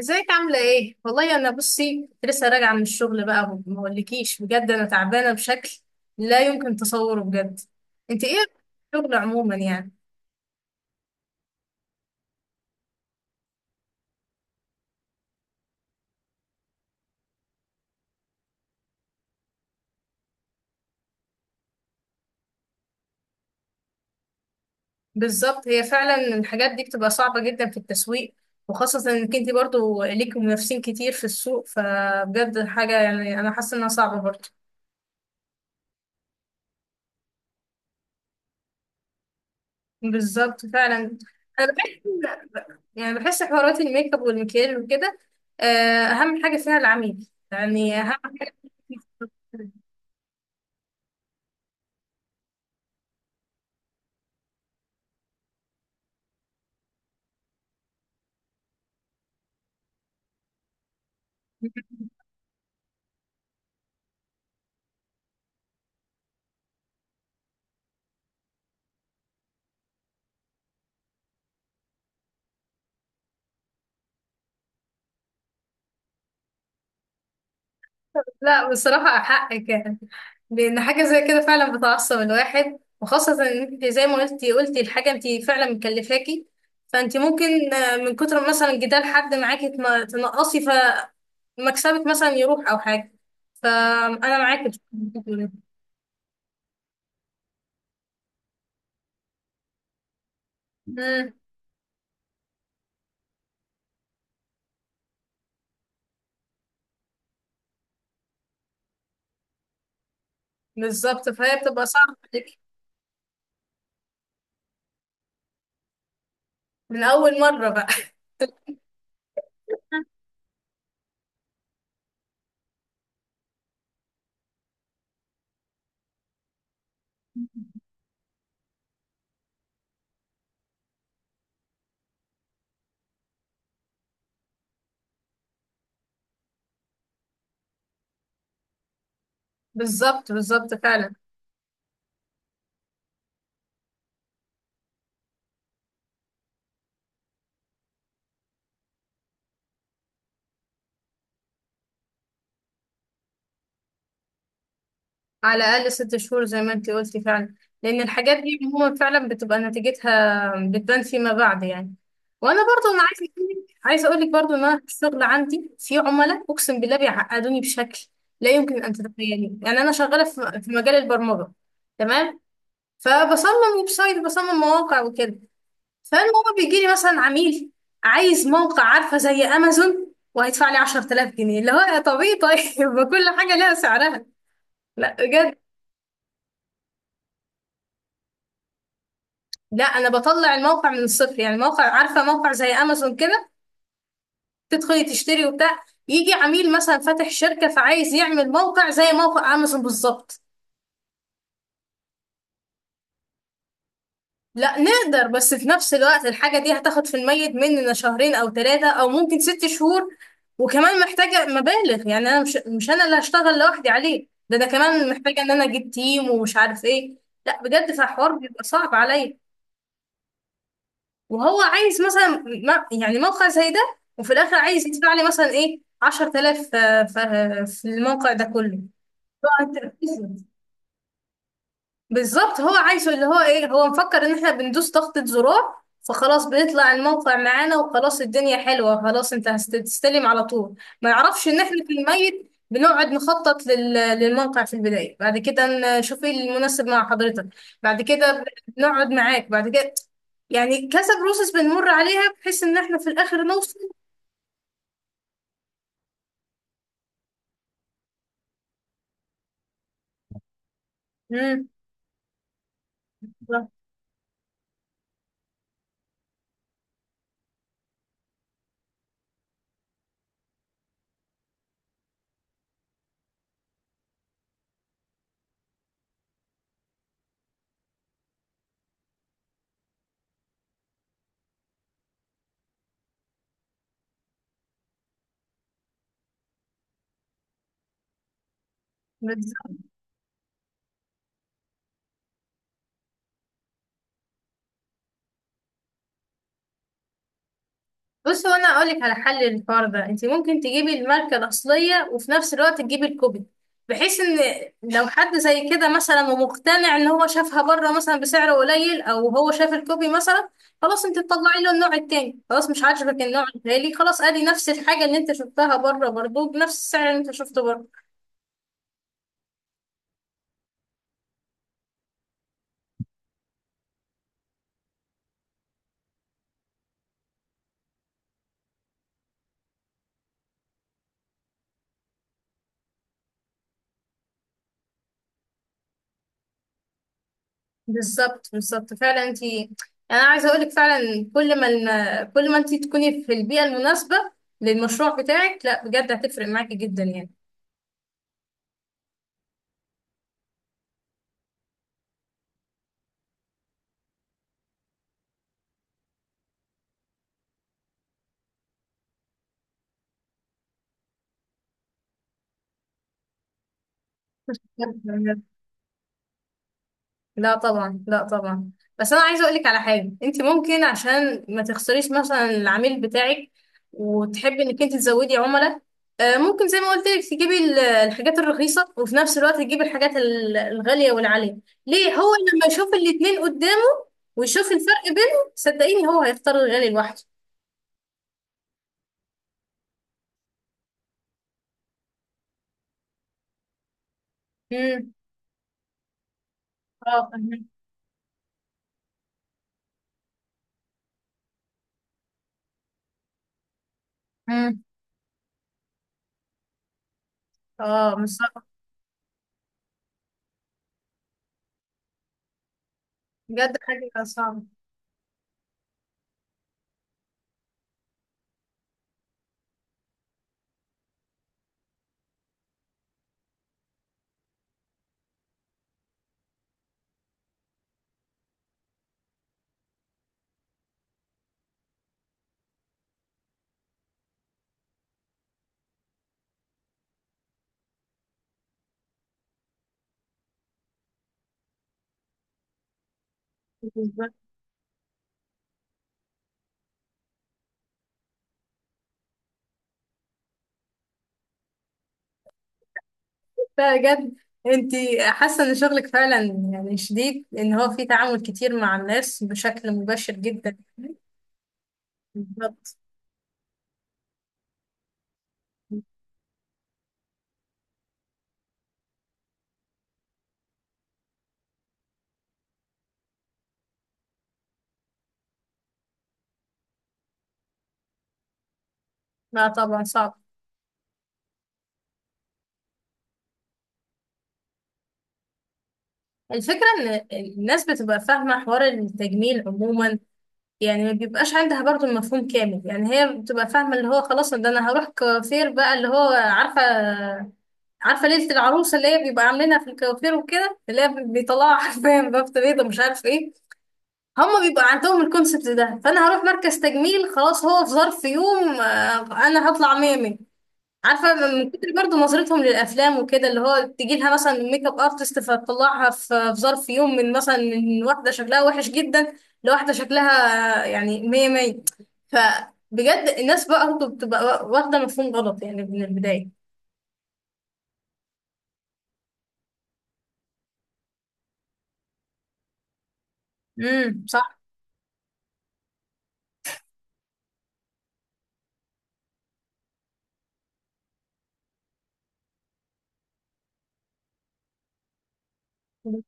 ازيك عاملة ايه؟ والله انا بصي، كنت لسه راجعة من الشغل. بقى ما اقولكيش بجد، انا تعبانة بشكل لا يمكن تصوره بجد. انت ايه رأيك في الشغل عموما يعني؟ بالظبط، هي فعلا الحاجات دي بتبقى صعبة جدا في التسويق، وخاصة انك انت برضو ليك منافسين كتير في السوق. فبجد حاجة يعني انا حاسة انها صعبة برضو. بالظبط فعلا. انا بحس يعني بحس حوارات الميك اب والمكياج وكده، آه، اهم حاجة فيها العميل يعني اهم حاجة. لا بصراحة حقك يعني. لأن حاجة زي كده فعلا بتعصب الواحد، وخاصة إن أنت زي ما قلتي الحاجة أنت فعلا مكلفاكي. فأنت ممكن، من كتر مثلا جدال حد معاكي تنقصي، فمكسبك مثلا يروح أو حاجة. فأنا معاكي في اللي أنت بتقوليه. مم، بالظبط، فهي بتبقى صعبة عليكي. من أول مرة بقى. بالظبط، بالظبط فعلا. على الأقل 6 شهور زي ما انتي قلتي فعلا. لأن الحاجات دي عموما فعلا بتبقى نتيجتها بتبان فيما بعد يعني. وأنا برضو أنا عايزة أقولك برضو إن أنا في الشغل عندي في عملاء أقسم بالله بيعقدوني بشكل لا يمكن أن تتخيليه يعني. أنا شغالة في مجال البرمجة. تمام. فبصمم ويب سايت، بصمم مواقع وكده. فالمهم بيجي لي مثلا عميل عايز موقع، عارفة زي أمازون، وهيدفع لي 10,000 جنيه اللي هو يا طبيعي طيب. ما كل حاجة لها سعرها. لا بجد. لا، انا بطلع الموقع من الصفر يعني. موقع، عارفه، موقع زي امازون كده، تدخلي تشتري وبتاع. يجي عميل مثلا فاتح شركه، فعايز يعمل موقع زي موقع امازون بالظبط. لا نقدر بس في نفس الوقت الحاجه دي هتاخد في الميت مننا شهرين او ثلاثه او ممكن 6 شهور. وكمان محتاجه مبالغ يعني. انا مش انا اللي هشتغل لوحدي عليه، ده انا كمان محتاجه ان انا اجيب تيم ومش عارف ايه. لا بجد، فالحوار بيبقى صعب عليا. وهو عايز مثلا يعني موقع زي ده. وفي الاخر عايز يدفع لي مثلا ايه 10,000 في الموقع ده كله. طب انت. بالظبط، هو عايزه اللي هو ايه. هو مفكر ان احنا بندوس ضغطة زرار فخلاص بيطلع الموقع معانا، وخلاص الدنيا حلوة خلاص، انت هتستلم على طول. ما يعرفش ان احنا في الميت بنقعد نخطط للموقع في البداية. بعد كده نشوف ايه المناسب مع حضرتك. بعد كده بنقعد معاك. بعد كده يعني كذا بروسس بنمر عليها بحيث ان احنا في الاخر نوصل. امم بالظبط. بص، هو انا اقول لك على حل للحوار ده. انت ممكن تجيبي الماركه الاصليه، وفي نفس الوقت تجيبي الكوبي. بحيث ان لو حد زي كده مثلا ومقتنع ان هو شافها بره مثلا بسعر قليل، او هو شاف الكوبي مثلا، خلاص انت تطلعي له النوع التاني. خلاص مش عاجبك النوع الغالي، خلاص ادي نفس الحاجه اللي انت شفتها بره برضه بنفس السعر اللي انت شفته بره. بالظبط، بالظبط فعلا. انت، انا عايزه اقول لك فعلا كل ما كل ما انت تكوني في البيئه المناسبه للمشروع بتاعك، لا بجد هتفرق معاكي جدا يعني. لا طبعا، لا طبعا. بس انا عايزه اقول لك على حاجه. انت ممكن عشان ما تخسريش مثلا العميل بتاعك، وتحبي انك انت تزودي عملاء. ممكن زي ما قلت لك تجيبي الحاجات الرخيصه، وفي نفس الوقت تجيبي الحاجات الغاليه والعاليه. ليه؟ هو لما يشوف الاتنين قدامه ويشوف الفرق بينهم، صدقيني هو هيختار الغالي لوحده. امم. اه، فهمت. امم. اه، مش صعب. بجد حاجه صعبه. لا بجد. انت، حاسه ان شغلك فعلا يعني شديد، ان هو في تعامل كتير مع الناس بشكل مباشر جدا. بالظبط. لا طبعا صعب. الفكره ان الناس بتبقى فاهمه حوار التجميل عموما يعني. ما بيبقاش عندها برضو المفهوم كامل يعني. هي بتبقى فاهمه اللي هو خلاص، ده انا هروح كوافير بقى، اللي هو عارفه ليله العروسه اللي هي بيبقى عاملينها في الكوافير وكده، اللي هي بيطلعوا حرفيا بفته بيضه مش عارف ايه. هما بيبقى عندهم الكونسبت ده. فانا هروح مركز تجميل خلاص، هو في ظرف يوم انا هطلع ميمي. عارفه من كتر برضه نظرتهم للافلام وكده، اللي هو تجي لها مثلا ميك اب ارتست فتطلعها في ظرف يوم من مثلا من واحده شكلها وحش جدا لواحده شكلها، يعني مية مية. فبجد الناس بقى برضه بتبقى واخده مفهوم غلط يعني من البدايه. امم.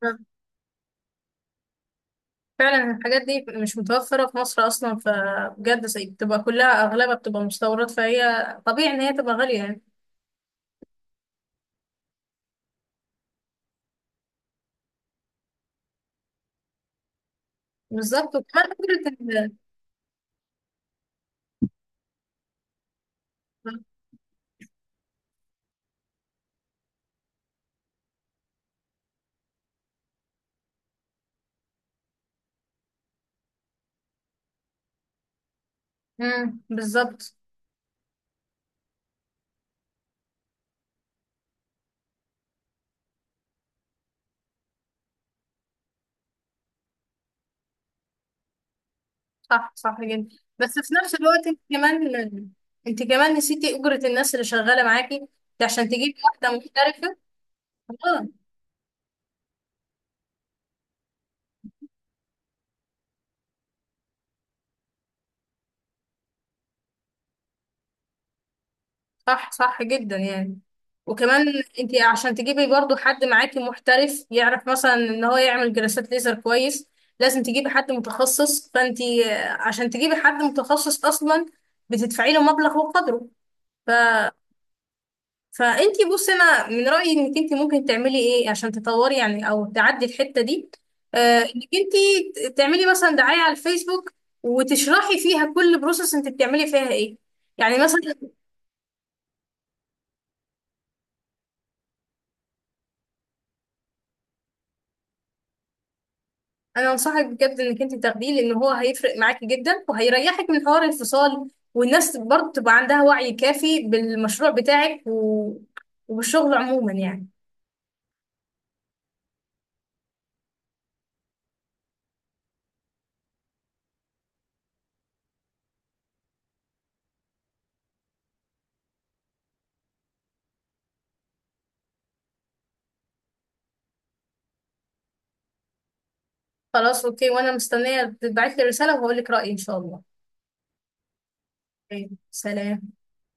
صح، فعلا الحاجات دي مش متوفرة في مصر أصلا. فبجد بتبقى كلها أغلبها بتبقى مستوردات، فهي طبيعي إن هي تبقى غالية يعني. بالظبط وكمان فكرة إن بالظبط. صح، صح جدا. بس في نفس الوقت أنت كمان نسيتي أجرة الناس اللي شغالة معاكي. ده عشان تجيبي واحدة محترفة. صح، صح جدا يعني. وكمان انت عشان تجيبي برضو حد معاكي محترف يعرف مثلا ان هو يعمل جلسات ليزر كويس، لازم تجيبي حد متخصص. فانت عشان تجيبي حد متخصص اصلا، بتدفعي له مبلغ وقدره. ف... فانت بصي، انا من رأيي انك انت ممكن تعملي ايه عشان تطوري يعني، او تعدي الحتة دي. انك انت تعملي مثلا دعاية على الفيسبوك، وتشرحي فيها كل بروسس انت بتعملي فيها ايه، يعني مثلا. انا انصحك بجد انك انت تاخديه، لان هو هيفرق معاكي جدا وهيريحك من حوار الفصال. والناس برضه تبقى عندها وعي كافي بالمشروع بتاعك وبالشغل عموما يعني. خلاص اوكي. وانا مستنيه تبعت لي رساله وهقول لك رايي ان شاء الله. أوكي، سلام.